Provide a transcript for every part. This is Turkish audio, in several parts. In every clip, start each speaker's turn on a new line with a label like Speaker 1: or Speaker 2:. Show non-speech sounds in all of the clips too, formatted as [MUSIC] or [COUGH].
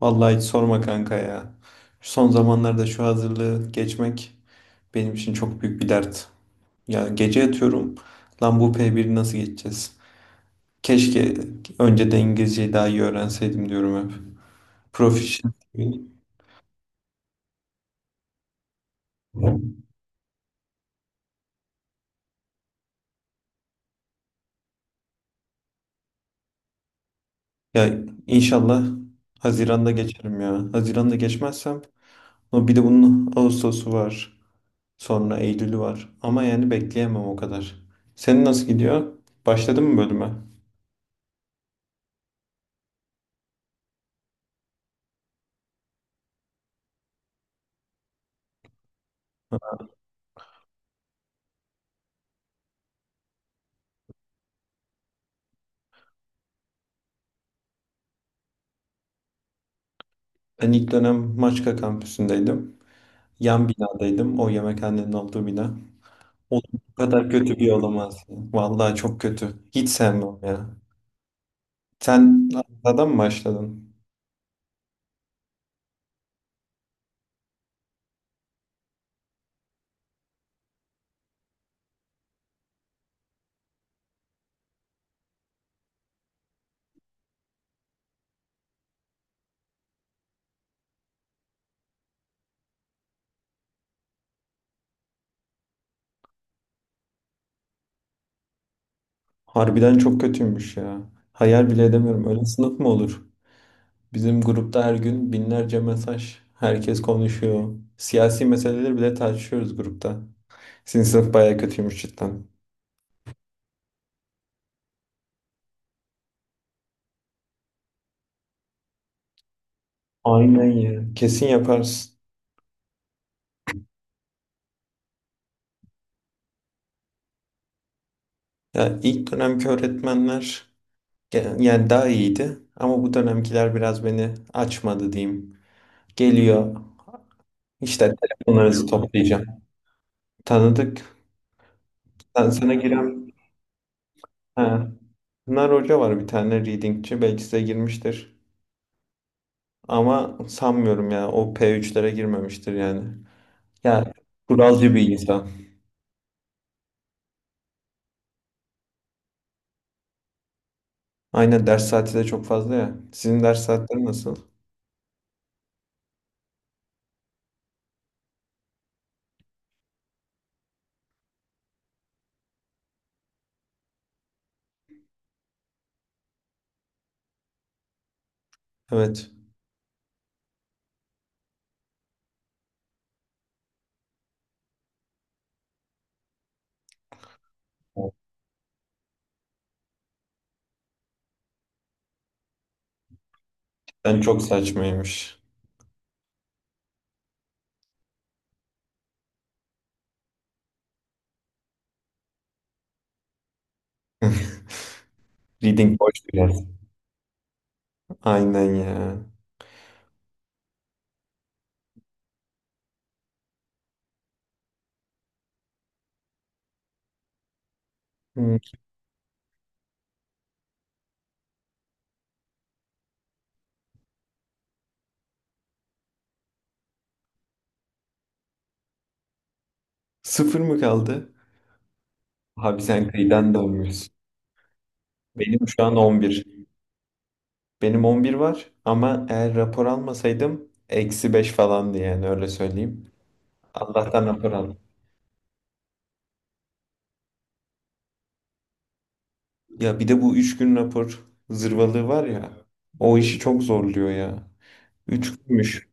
Speaker 1: Vallahi hiç sorma kanka ya. Şu son zamanlarda şu hazırlığı geçmek benim için çok büyük bir dert. Ya gece yatıyorum. Lan bu p biri nasıl geçeceğiz? Keşke önceden İngilizceyi daha iyi öğrenseydim diyorum hep. Proficient. Ya inşallah Haziran'da geçerim ya. Haziran'da geçmezsem ama bir de bunun Ağustos'u var. Sonra Eylül'ü var. Ama yani bekleyemem o kadar. Senin nasıl gidiyor? Başladın mı bölüme? Ben ilk dönem Maçka kampüsündeydim. Yan binadaydım. O yemekhanenin olduğu bina. Oğlum bu kadar kötü bir yer olamaz ya. Vallahi çok kötü. Hiç sevmem ya. Sen adam mı başladın? Harbiden çok kötüymüş ya. Hayal bile edemiyorum. Öyle sınıf mı olur? Bizim grupta her gün binlerce mesaj. Herkes konuşuyor. Siyasi meseleleri bile tartışıyoruz grupta. Sizin sınıf bayağı kötüymüş cidden. Aynen ya. Kesin yaparsın. Ya ilk dönemki öğretmenler yani daha iyiydi ama bu dönemkiler biraz beni açmadı diyeyim. Geliyor işte telefonlarınızı toplayacağım. Tanıdık. Sana giren ha. Pınar Hoca var, bir tane readingçi, belki size girmiştir. Ama sanmıyorum ya, o P3'lere girmemiştir yani. Ya kuralcı bir insan. Aynen, ders saati de çok fazla ya. Sizin ders saatleri nasıl? Evet. Ben çok saçmaymış. Reading boş biraz. Aynen ya. Hı. Sıfır mı kaldı? Abi sen kıyıdan dönmüyorsun. Benim şu an 11. Benim 11 var ama eğer rapor almasaydım eksi 5 falandı yani, öyle söyleyeyim. Allah'tan rapor aldım. Ya bir de bu 3 gün rapor zırvalığı var ya, o işi çok zorluyor ya. 3 günmüş.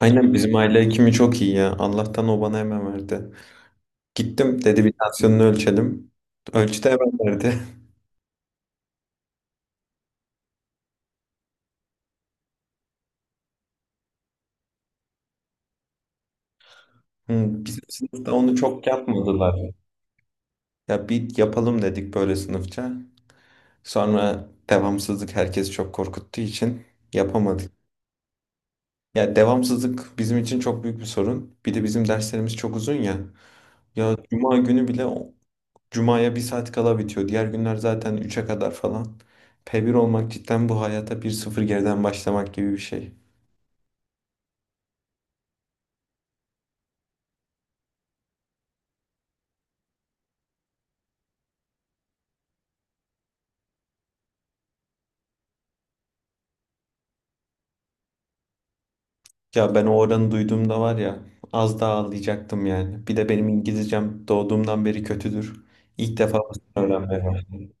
Speaker 1: Aynen, bizim aile hekimi çok iyi ya. Allah'tan o bana hemen verdi. Gittim, dedi bir tansiyonunu ölçelim. Ölçtü, hemen verdi. [LAUGHS] Hı, bizim sınıfta onu çok yapmadılar. Ya bir yapalım dedik böyle sınıfça. Sonra devamsızlık herkes çok korkuttuğu için yapamadık. Ya devamsızlık bizim için çok büyük bir sorun. Bir de bizim derslerimiz çok uzun ya. Ya cuma günü bile cumaya bir saat kala bitiyor. Diğer günler zaten üçe kadar falan. P1 olmak cidden bu hayata bir sıfır geriden başlamak gibi bir şey. Ya ben o oranı duyduğumda var ya, az daha ağlayacaktım yani. Bir de benim İngilizcem doğduğumdan beri kötüdür. İlk defa bu sene öğrenmeye başladım.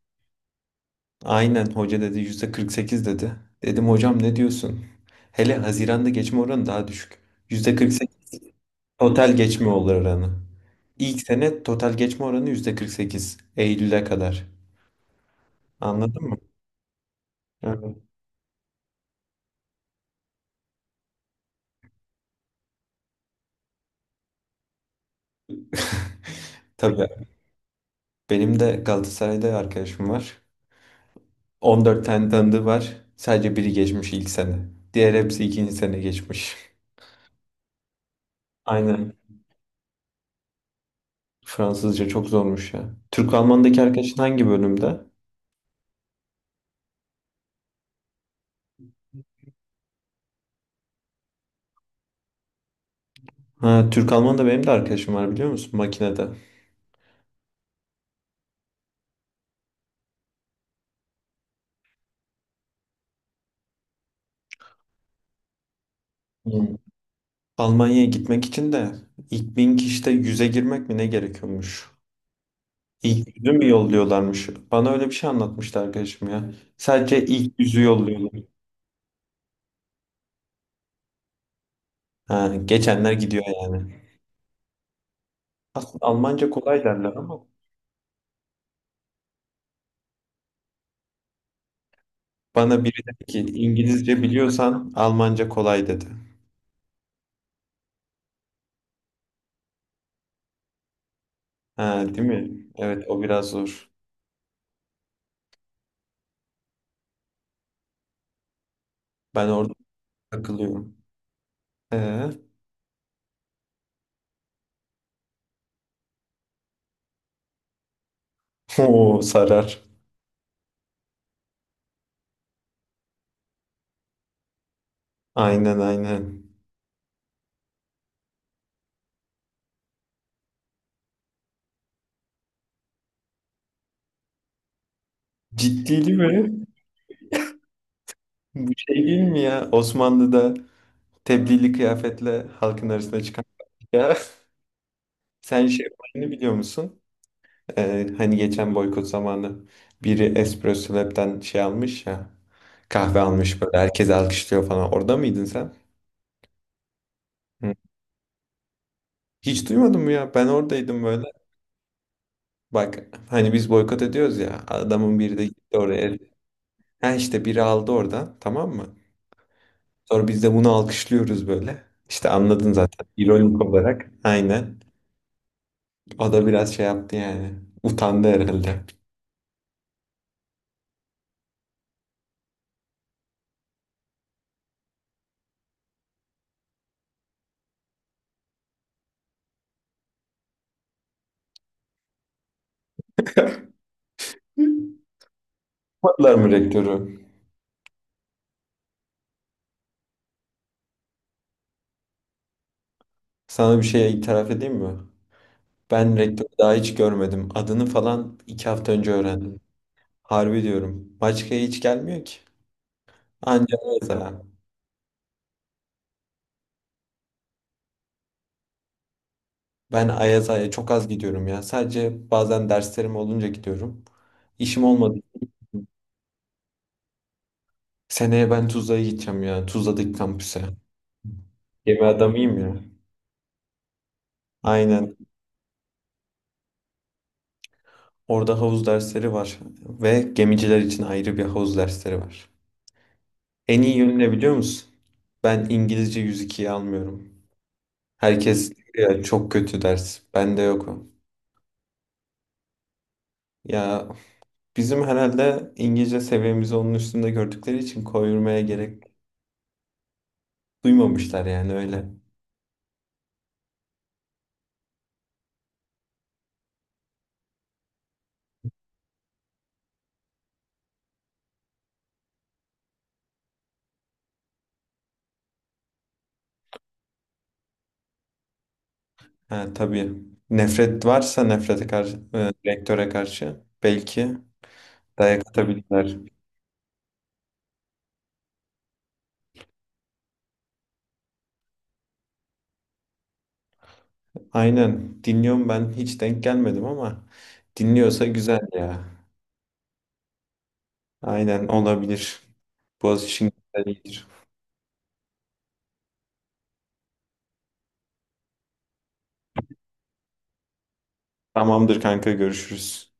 Speaker 1: Aynen, hoca dedi %48 dedi. Dedim hocam, ne diyorsun? Hele Haziran'da geçme oranı daha düşük. %48 total geçme oranı. İlk sene total geçme oranı %48 Eylül'e kadar. Anladın mı? Evet. Tabii, benim de Galatasaray'da arkadaşım var. 14 tane tanıdığı var. Sadece biri geçmiş ilk sene. Diğer hepsi ikinci sene geçmiş. Aynen. Fransızca çok zormuş ya. Türk-Alman'daki arkadaşın hangi bölümde? Ha, Türk-Alman da benim de arkadaşım var, biliyor musun? Makinede. Hmm. Almanya'ya gitmek için de ilk 1.000 kişide 100'e girmek mi ne gerekiyormuş? İlk 100'ü mü yolluyorlarmış? Bana öyle bir şey anlatmıştı arkadaşım ya. Sadece ilk 100'ü yolluyorlar. Ha, geçenler gidiyor yani. Aslında Almanca kolay derler ama bana biri dedi ki, İngilizce biliyorsan Almanca kolay dedi. Ha, değil mi? Evet, o biraz zor. Ben orada takılıyorum. Ee, [LAUGHS] o sarar. Aynen, aynen. Ciddili mi? Bu şey değil mi ya? Osmanlı'da tebdili kıyafetle halkın arasına çıkan. [LAUGHS] Ya sen şey olayını biliyor musun? Hani geçen boykot zamanı biri Espresso Lab'den şey almış ya. Kahve almış böyle, herkes alkışlıyor falan. Orada mıydın sen? Hı. Hiç duymadın mı ya? Ben oradaydım böyle. Bak, hani biz boykot ediyoruz ya. Adamın biri de gitti oraya. Ha, işte biri aldı oradan, tamam mı? Sonra biz de bunu alkışlıyoruz böyle. İşte anladın zaten, İronik olarak. Aynen. O da biraz şey yaptı yani. Utandı herhalde. [LAUGHS] Hı? Yapmadılar mı rektörü? Sana bir şey itiraf edeyim mi? Ben rektörü daha hiç görmedim. Adını falan 2 hafta önce öğrendim. Harbi diyorum. Başka hiç gelmiyor ki. Anca Ayaz'a. Ben Ayaz'a çok az gidiyorum ya. Sadece bazen derslerim olunca gidiyorum. İşim olmadı. Seneye ben Tuzla'ya gideceğim ya. Tuzla'daki kampüse. Gemi adamıyım ya. Aynen. Orada havuz dersleri var. Ve gemiciler için ayrı bir havuz dersleri var. En iyi yönü ne biliyor musun? Ben İngilizce 102'yi almıyorum. Herkes diyor ya, çok kötü ders. Bende yok o. Ya bizim herhalde İngilizce seviyemizi onun üstünde gördükleri için koyurmaya gerek duymamışlar yani, öyle. Ha, tabii, nefret varsa nefrete karşı, rektöre karşı belki dayak atabilirler. Aynen dinliyorum, ben hiç denk gelmedim ama dinliyorsa güzel ya. Aynen, olabilir. Boğaziçi'nin güzel iyidir. Tamamdır kanka, görüşürüz.